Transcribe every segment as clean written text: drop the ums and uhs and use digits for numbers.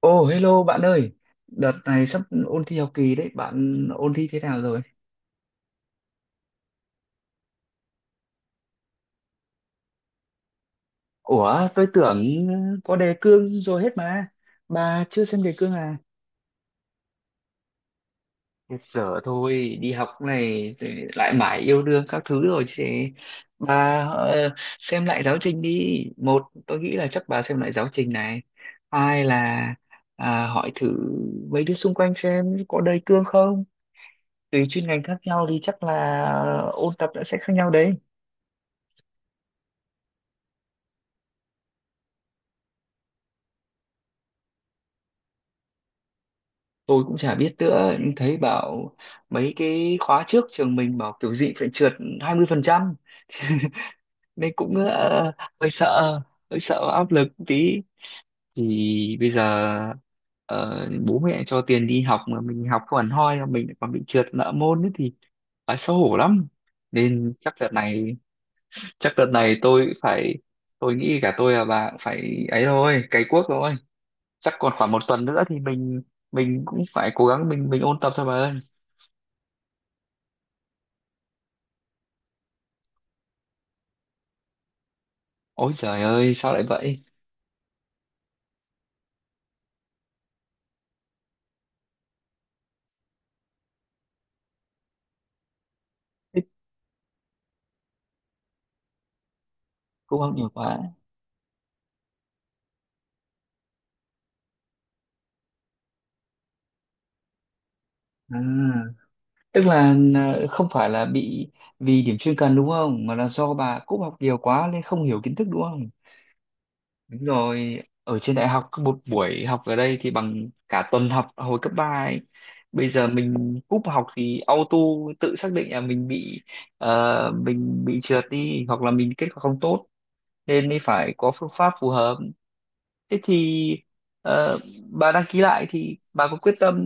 Ồ, hello bạn ơi, đợt này sắp ôn thi học kỳ đấy, bạn ôn thi thế nào rồi? Ủa, tôi tưởng có đề cương rồi hết mà, bà chưa xem đề cương à? Thiệt dở thôi, đi học này rồi lại mãi yêu đương các thứ rồi chứ. Bà, xem lại giáo trình đi. Một, tôi nghĩ là chắc bà xem lại giáo trình này. Hai là hỏi thử mấy đứa xung quanh xem có đề cương không. Tùy chuyên ngành khác nhau thì chắc là ôn tập đã sẽ khác nhau đấy. Tôi cũng chả biết nữa, nhưng thấy bảo mấy cái khóa trước trường mình bảo kiểu gì phải trượt 20%, nên cũng hơi sợ, hơi sợ áp lực một tí. Thì bây giờ ờ, bố mẹ cho tiền đi học mà mình học không hẳn hoi, mà mình lại còn bị trượt nợ môn ấy thì phải xấu hổ lắm. Nên chắc đợt này tôi phải, tôi nghĩ cả tôi và bà cũng phải ấy thôi, cày cuốc thôi. Chắc còn khoảng một tuần nữa thì mình cũng phải cố gắng, mình ôn tập thôi bà ơi. Ôi trời ơi, sao lại vậy? Thế. Cô không nhiều quá. À, tức là không phải là bị vì điểm chuyên cần đúng không? Mà là do bà cúp học nhiều quá nên không hiểu kiến thức đúng không? Đúng rồi, ở trên đại học cứ một buổi học ở đây thì bằng cả tuần học hồi cấp ba ấy. Bây giờ mình cúp học thì auto tự xác định là mình bị trượt đi, hoặc là mình kết quả không tốt, nên mới phải có phương pháp phù hợp. Thế thì ờ, bà đăng ký lại thì bà có quyết tâm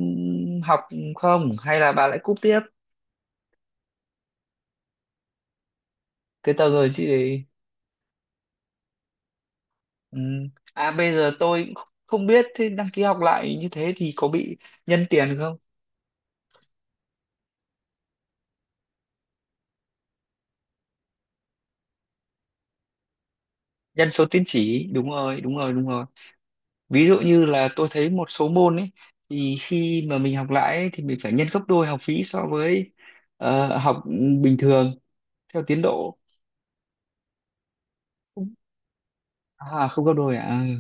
học không, hay là bà lại cúp tiếp? Cái tờ người chị đấy. Ừ. À bây giờ tôi cũng không biết, thế đăng ký học lại như thế thì có bị nhân tiền không? Nhân số tín chỉ, đúng rồi, đúng rồi, đúng rồi. Ví dụ như là tôi thấy một số môn ấy, thì khi mà mình học lại ấy, thì mình phải nhân gấp đôi học phí so với học bình thường theo tiến độ. À không gấp đôi à. Ừ,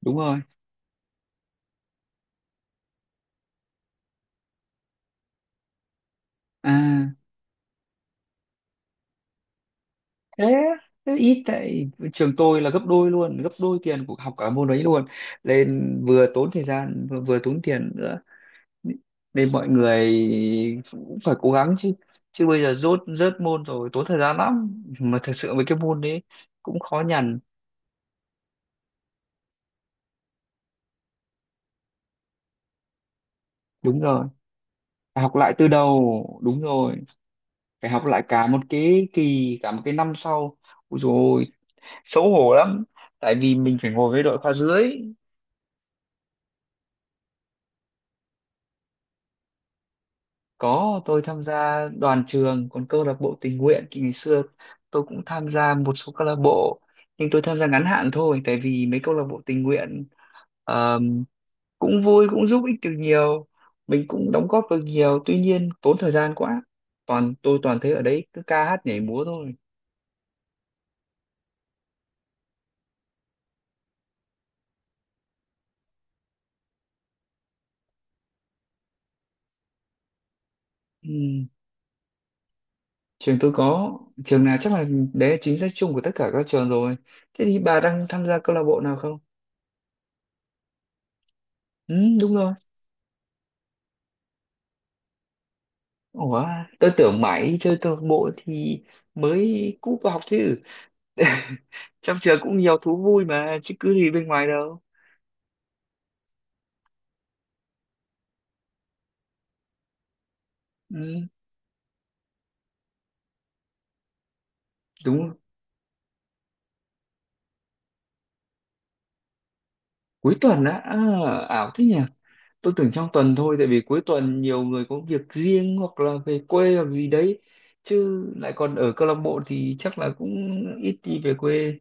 đúng rồi. À thế thế ít, tại trường tôi là gấp đôi luôn, gấp đôi tiền của học cả môn đấy luôn. Nên vừa tốn thời gian, vừa tốn tiền nữa. Nên mọi người cũng phải cố gắng chứ chứ bây giờ rốt rớt môn rồi tốn thời gian lắm, mà thật sự với cái môn đấy cũng khó nhằn. Đúng rồi, phải học lại từ đầu, đúng rồi, phải học lại cả một cái kỳ, cả một cái năm sau. Ôi dồi ôi, xấu hổ lắm tại vì mình phải ngồi với đội khoa dưới. Có, tôi tham gia đoàn trường, còn câu lạc bộ tình nguyện thì ngày xưa tôi cũng tham gia một số câu lạc bộ, nhưng tôi tham gia ngắn hạn thôi, tại vì mấy câu lạc bộ tình nguyện ờm, cũng vui, cũng giúp ích được nhiều, mình cũng đóng góp được nhiều, tuy nhiên tốn thời gian quá. Toàn tôi toàn thấy ở đấy cứ ca hát nhảy múa thôi. Ừm. Trường tôi có, trường nào chắc là đấy là chính sách chung của tất cả các trường rồi. Thế thì bà đang tham gia câu lạc bộ nào không? Ừ, đúng rồi. Ủa, tôi tưởng mãi chơi câu lạc bộ thì mới cúp vào học chứ. Trong trường cũng nhiều thú vui mà, chứ cứ gì bên ngoài đâu. Ừ, đúng rồi. Cuối tuần á, ảo thế nhỉ. Tôi tưởng trong tuần thôi, tại vì cuối tuần nhiều người có việc riêng hoặc là về quê hoặc gì đấy. Chứ lại còn ở câu lạc bộ thì chắc là cũng ít đi về quê.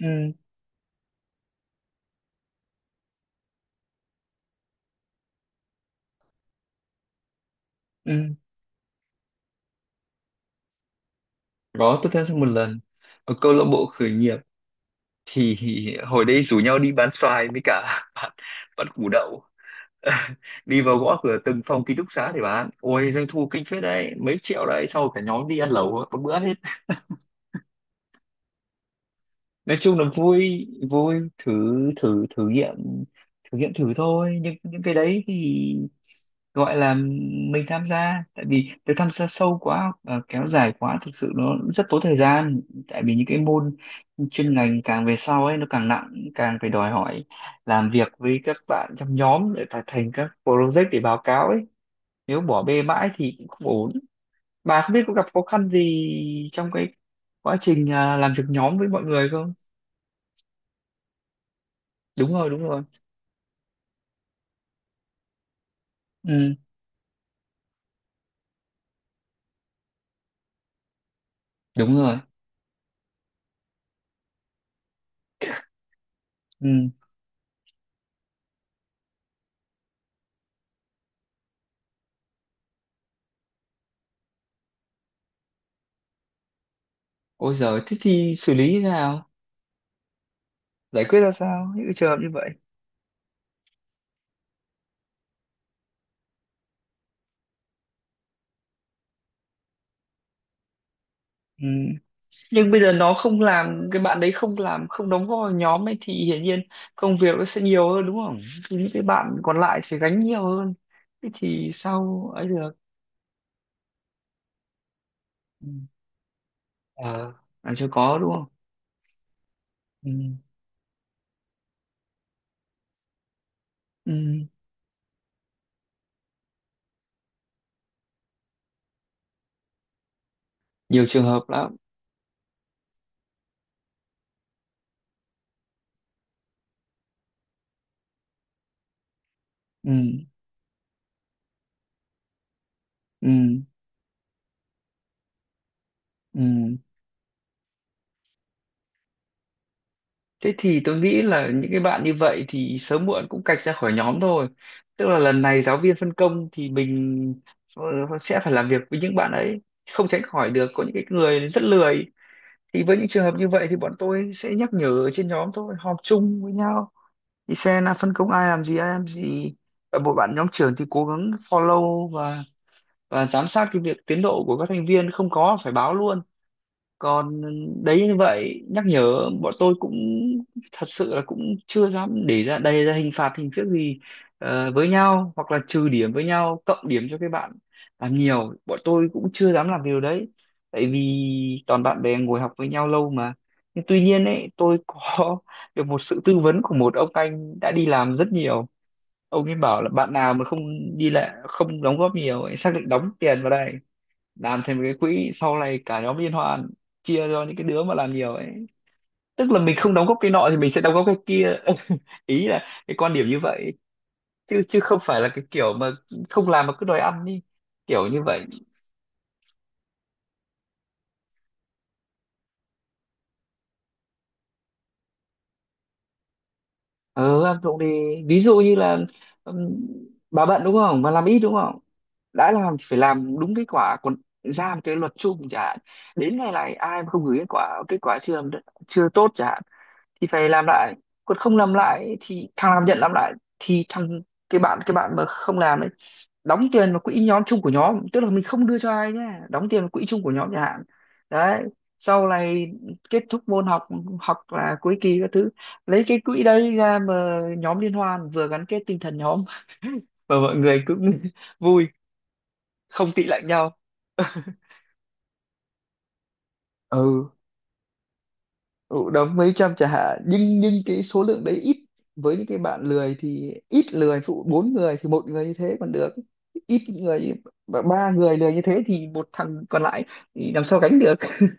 Ừ, ừ. Đó, tôi tham gia một lần. Ở câu lạc bộ khởi nghiệp thì hồi đấy rủ nhau đi bán xoài với cả bán, bán củ đậu đi vào gõ cửa từng phòng ký túc xá để bán, ôi doanh thu kinh phết đấy, mấy triệu đấy, sau cả nhóm đi ăn lẩu có bữa hết. Nói chung là vui, vui thử, thử thử nghiệm, thử nghiệm thử thôi, nhưng những cái đấy thì gọi là mình tham gia, tại vì nếu tham gia sâu quá, kéo dài quá thực sự nó rất tốn thời gian. Tại vì những cái môn chuyên ngành càng về sau ấy nó càng nặng, càng phải đòi hỏi làm việc với các bạn trong nhóm để phải thành các project để báo cáo ấy, nếu bỏ bê mãi thì cũng không ổn. Bà không biết có gặp khó khăn gì trong cái quá trình làm việc nhóm với mọi người không? Đúng rồi, đúng rồi. Ừ, đúng rồi. Ừ. Ôi giời, thế thì xử lý như thế nào, giải quyết ra sao những cái trường hợp như vậy? Ừ. Nhưng bây giờ nó không làm, cái bạn đấy không làm, không đóng góp vào nhóm ấy thì hiển nhiên công việc nó sẽ nhiều hơn đúng không, thì những cái bạn còn lại sẽ gánh nhiều hơn. Thế thì sao ấy được. Ừ. Ờ, làm cho có đúng không. Ừ. Ừ. Nhiều trường hợp lắm. Ừ, ừ, ừ. Thế thì tôi nghĩ là những cái bạn như vậy thì sớm muộn cũng cạch ra khỏi nhóm thôi. Tức là lần này giáo viên phân công thì mình ờ, sẽ phải làm việc với những bạn ấy, không tránh khỏi được có những cái người rất lười. Thì với những trường hợp như vậy thì bọn tôi sẽ nhắc nhở ở trên nhóm thôi, họp chung với nhau thì xem là phân công ai làm gì, ai làm gì, và một bạn nhóm trưởng thì cố gắng follow và giám sát cái việc tiến độ của các thành viên, không có phải báo luôn. Còn đấy, như vậy nhắc nhở, bọn tôi cũng thật sự là cũng chưa dám để ra đây, ra hình phạt hình thức gì với nhau, hoặc là trừ điểm với nhau, cộng điểm cho các bạn làm nhiều, bọn tôi cũng chưa dám làm điều đấy, tại vì toàn bạn bè ngồi học với nhau lâu mà. Nhưng tuy nhiên ấy, tôi có được một sự tư vấn của một ông anh đã đi làm rất nhiều. Ông ấy bảo là bạn nào mà không đi lại, không đóng góp nhiều ấy, xác định đóng tiền vào đây làm thành một cái quỹ, sau này cả nhóm liên hoan, chia cho những cái đứa mà làm nhiều ấy. Tức là mình không đóng góp cái nọ thì mình sẽ đóng góp cái kia, ý là cái quan điểm như vậy. Chứ chứ không phải là cái kiểu mà không làm mà cứ đòi ăn đi, kiểu như vậy. Ờ ăn trộm đi. Ví dụ như là ừm, bà bận đúng không, mà làm ít đúng không, đã làm thì phải làm đúng kết quả, còn ra một cái luật chung chẳng hạn, đến ngày này ai mà không gửi kết quả, kết quả chưa làm chưa tốt chẳng hạn, thì phải làm lại. Còn không làm lại thì thằng làm nhận làm lại, thì thằng, cái bạn mà không làm ấy, đóng tiền vào quỹ nhóm, chung của nhóm, tức là mình không đưa cho ai nhé, đóng tiền vào quỹ chung của nhóm chẳng hạn. Đấy, sau này kết thúc môn học hoặc là cuối kỳ các thứ, lấy cái quỹ đấy ra mà nhóm liên hoan, vừa gắn kết tinh thần nhóm và mọi người cũng vui, không tị lạnh nhau. Ừ. Ừ, đóng mấy trăm chả hạn, nhưng cái số lượng đấy ít. Với những cái bạn lười thì ít lười phụ, bốn người thì một người như thế còn được, ít người, và ba người lười như thế thì một thằng còn lại thì làm sao gánh được.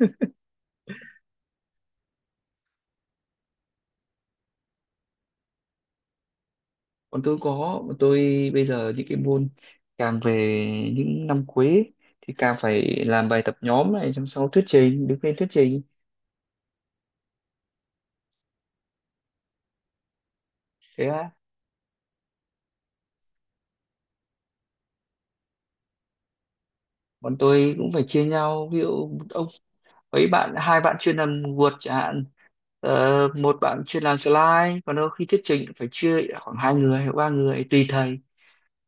Còn tôi bây giờ những cái môn càng về những năm cuối ấy, thì càng phải làm bài tập nhóm này, xong sau thuyết trình, đứng lên thuyết trình. Thế á, bọn tôi cũng phải chia nhau, ví dụ ông ấy, bạn, hai bạn chuyên làm Word chẳng hạn, một bạn chuyên làm slide, còn đôi khi thuyết trình cũng phải chia khoảng hai người hoặc ba người tùy thầy.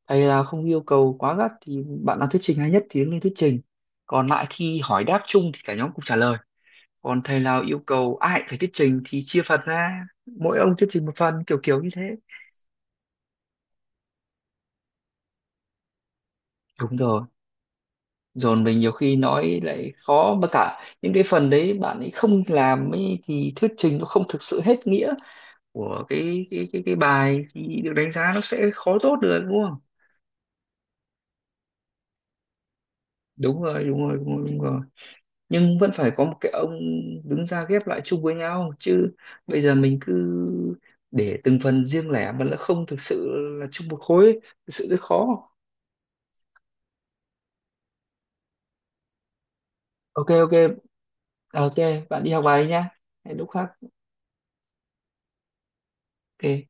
Thầy là không yêu cầu quá gắt thì bạn nào thuyết trình hay nhất thì đứng lên thuyết trình, còn lại khi hỏi đáp chung thì cả nhóm cùng trả lời. Còn thầy nào yêu cầu ai phải thuyết trình thì chia phần ra, mỗi ông thuyết trình một phần, kiểu kiểu như thế. Đúng rồi. Dồn mình nhiều khi nói lại khó, mà cả những cái phần đấy bạn ấy không làm ấy thì thuyết trình nó không thực sự hết nghĩa của cái bài, thì được đánh giá nó sẽ khó tốt được đúng không? Đúng rồi, đúng rồi, đúng rồi, đúng rồi. Nhưng vẫn phải có một cái ông đứng ra ghép lại chung với nhau chứ, bây giờ mình cứ để từng phần riêng lẻ mà nó không thực sự là chung một khối ấy, thực sự rất khó. Ok, ok. À, ok, bạn đi học bài đi nhá. Hẹn lúc khác. Ok.